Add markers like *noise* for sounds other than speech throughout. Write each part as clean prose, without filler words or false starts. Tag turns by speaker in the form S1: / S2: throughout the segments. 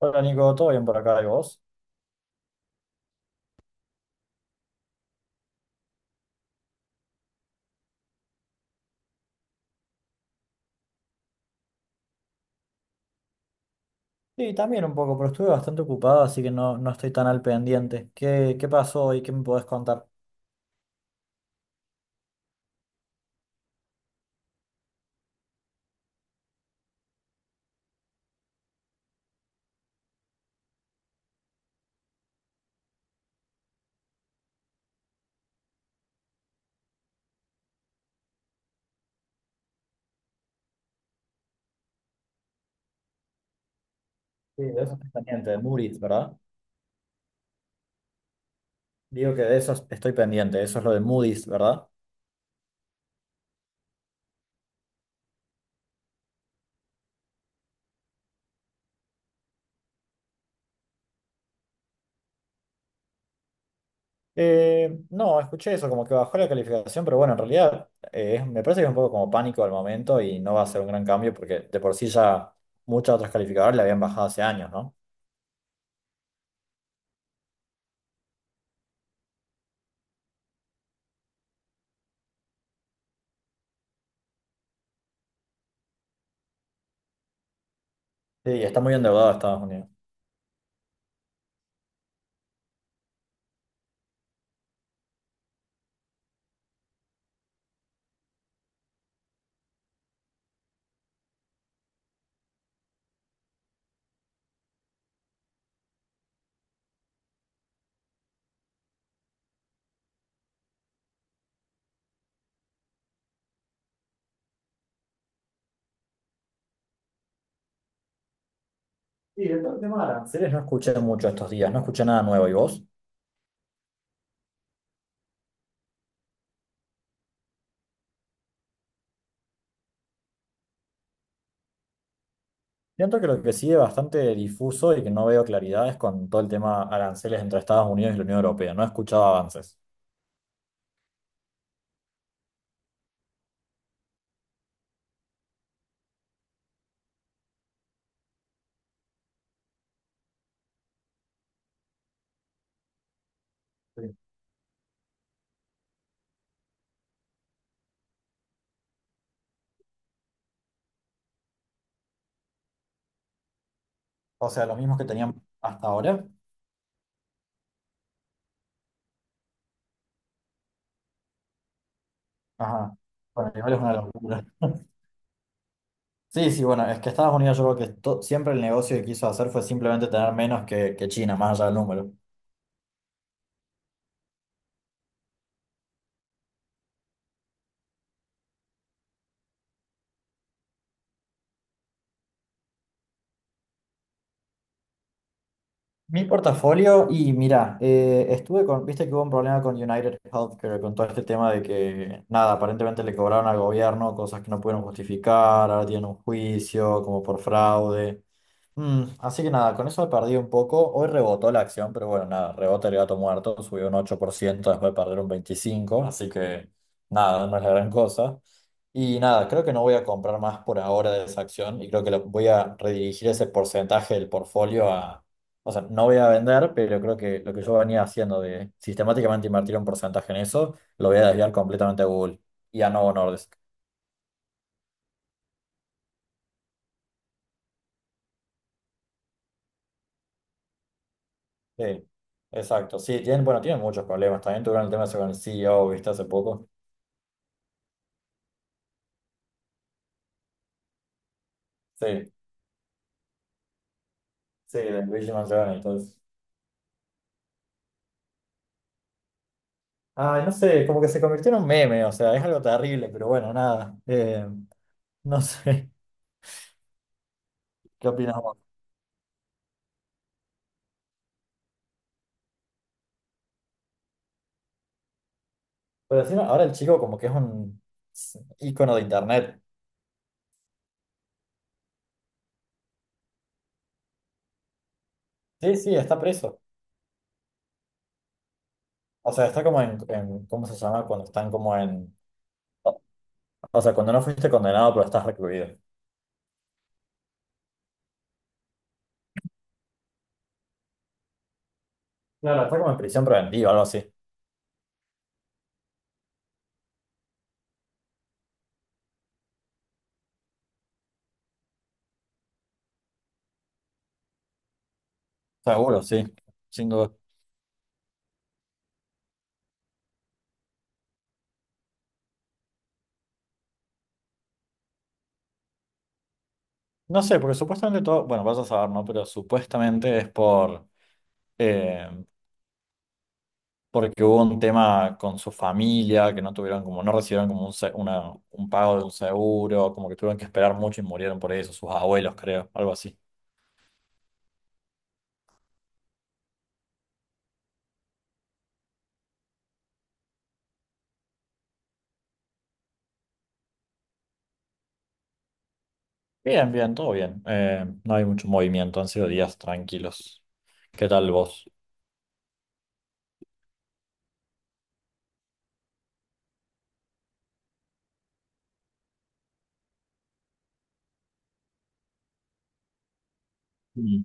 S1: Hola Nico, ¿todo bien por acá y vos? Sí, también un poco, pero estuve bastante ocupado, así que no, no estoy tan al pendiente. ¿Qué pasó y qué me podés contar? Sí, de eso estoy pendiente, de Moody's, ¿verdad? Digo que de eso estoy pendiente, eso es lo de Moody's, ¿verdad? No, escuché eso, como que bajó la calificación, pero bueno, en realidad me parece que es un poco como pánico al momento y no va a ser un gran cambio porque de por sí ya muchas otras calificadoras le habían bajado hace años, ¿no? Sí, está muy endeudado Estados Unidos. Sí, el tema de aranceles no escuché mucho estos días, no escuché nada nuevo, ¿y vos? Siento que lo que sigue bastante difuso y que no veo claridad es con todo el tema aranceles entre Estados Unidos y la Unión Europea. No he escuchado avances. Sí. O sea, los mismos que tenían hasta ahora. Ajá. Bueno, igual es una locura. Sí, sí, bueno, es que Estados Unidos yo creo que siempre el negocio que quiso hacer fue simplemente tener menos que China, más allá del número. Mi portafolio, y mira, estuve con, viste que hubo un problema con United Healthcare, con todo este tema de que, nada, aparentemente le cobraron al gobierno cosas que no pudieron justificar, ahora tienen un juicio como por fraude. Así que nada, con eso he perdido un poco. Hoy rebotó la acción, pero bueno, nada, rebota el gato muerto, subió un 8% después de perder un 25%, así que nada, no es la gran cosa. Y nada, creo que no voy a comprar más por ahora de esa acción y creo que voy a redirigir ese porcentaje del portfolio a... O sea, no voy a vender, pero creo que lo que yo venía haciendo de sistemáticamente invertir un porcentaje en eso, lo voy a desviar completamente a Google y a Novo Nordisk. Sí, exacto. Sí, tienen, bueno, tienen muchos problemas. También tuvieron el tema ese con el CEO, ¿viste? Hace poco. Sí, sí, de Luigi Mangione y todo eso. Ay, no sé, como que se convirtió en un meme, o sea, es algo terrible, pero bueno, nada. No sé, *laughs* ¿qué opinas vos? Pero encima, ahora el chico como que es un ícono de internet. Sí, sí, está preso. O sea, está ¿cómo se llama? Cuando están como en... O o sea, cuando no fuiste condenado, pero estás recluido. Claro, está como en prisión preventiva, algo así. Seguro, sí, sin duda. No sé, porque supuestamente todo, bueno, vas a saber, ¿no? Pero supuestamente es por... eh, porque hubo un tema con su familia, que no tuvieron como, no recibieron como un pago de un seguro, como que tuvieron que esperar mucho y murieron por eso, sus abuelos creo, algo así. Bien, bien, todo bien. No hay mucho movimiento, han sido días tranquilos. ¿Qué tal vos? Mm.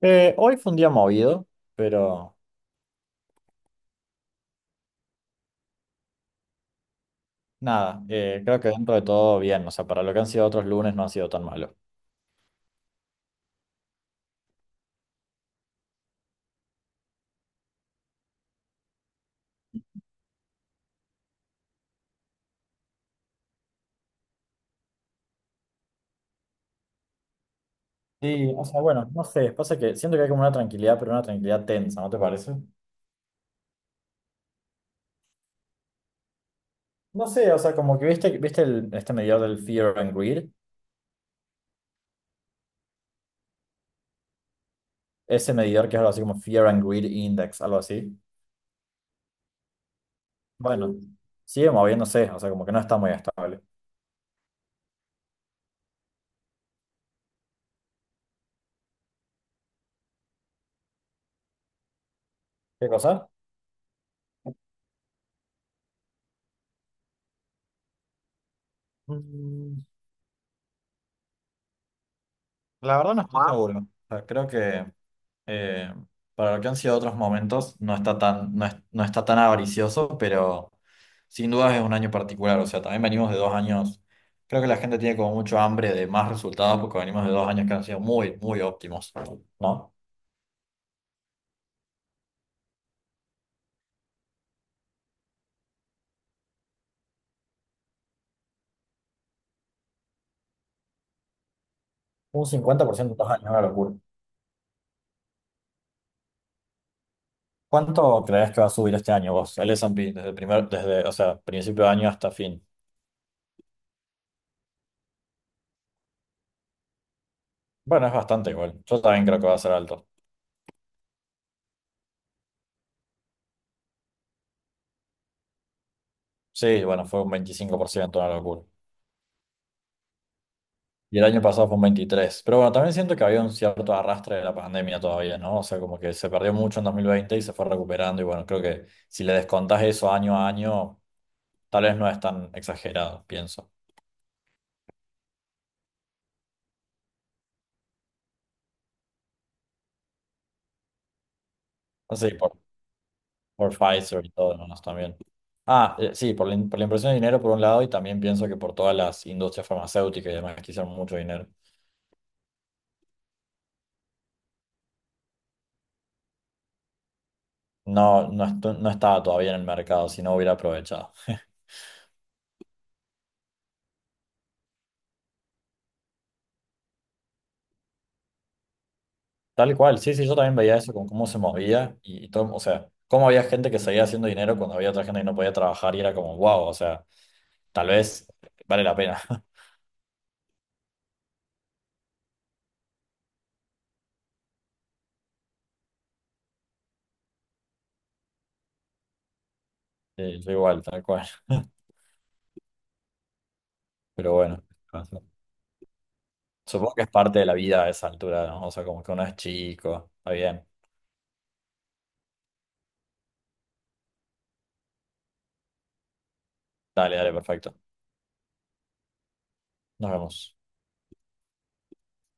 S1: Hoy fue un día movido, pero nada, creo que dentro de todo bien, o sea, para lo que han sido otros lunes no ha sido tan malo. Sí, o sea, bueno, no sé, pasa que siento que hay como una tranquilidad, pero una tranquilidad tensa, ¿no te parece? No sé, o sea, como que viste este medidor del Fear and Greed, ese medidor que es algo así como Fear and Greed Index, algo así. Bueno, sigue moviéndose, o sea, como que no está muy estable. ¿Qué cosa? Mm, La verdad no estoy seguro. O sea, creo que eh, para lo que han sido otros momentos no está tan avaricioso, pero sin duda es un año particular. O sea, también venimos de dos años, creo que la gente tiene como mucho hambre de más resultados porque venimos de dos años que han sido muy, muy óptimos, ¿no? Un 50% en dos años, es una locura. ¿Cuánto crees que va a subir este año vos, el S&P, desde el primer, desde, o sea, principio de año hasta fin? Bueno, es bastante igual. Yo también creo que va a ser alto. Sí, bueno, fue un 25%, una locura. Y el año pasado fue un 23%. Pero bueno, también siento que había un cierto arrastre de la pandemia todavía, ¿no? O sea, como que se perdió mucho en 2020 y se fue recuperando. Y bueno, creo que si le descontás eso año a año, tal vez no es tan exagerado, pienso. Así, por Pfizer y todo demás también. Ah, sí, por por la impresión de dinero por un lado y también pienso que por todas las industrias farmacéuticas y demás que hicieron mucho dinero. No, no, no estaba todavía en el mercado, si no hubiera aprovechado. *laughs* Tal cual, sí, sí, yo también veía eso con cómo se movía y todo, o sea, cómo había gente que seguía haciendo dinero cuando había otra gente que no podía trabajar y era como, wow, o sea, tal vez vale la pena. *laughs* Sí, yo igual, tal cual. Pero bueno, pasa. Supongo que es parte de la vida a esa altura, ¿no? O sea, como que uno es chico, está bien. Dale, dale, perfecto. Nos vemos.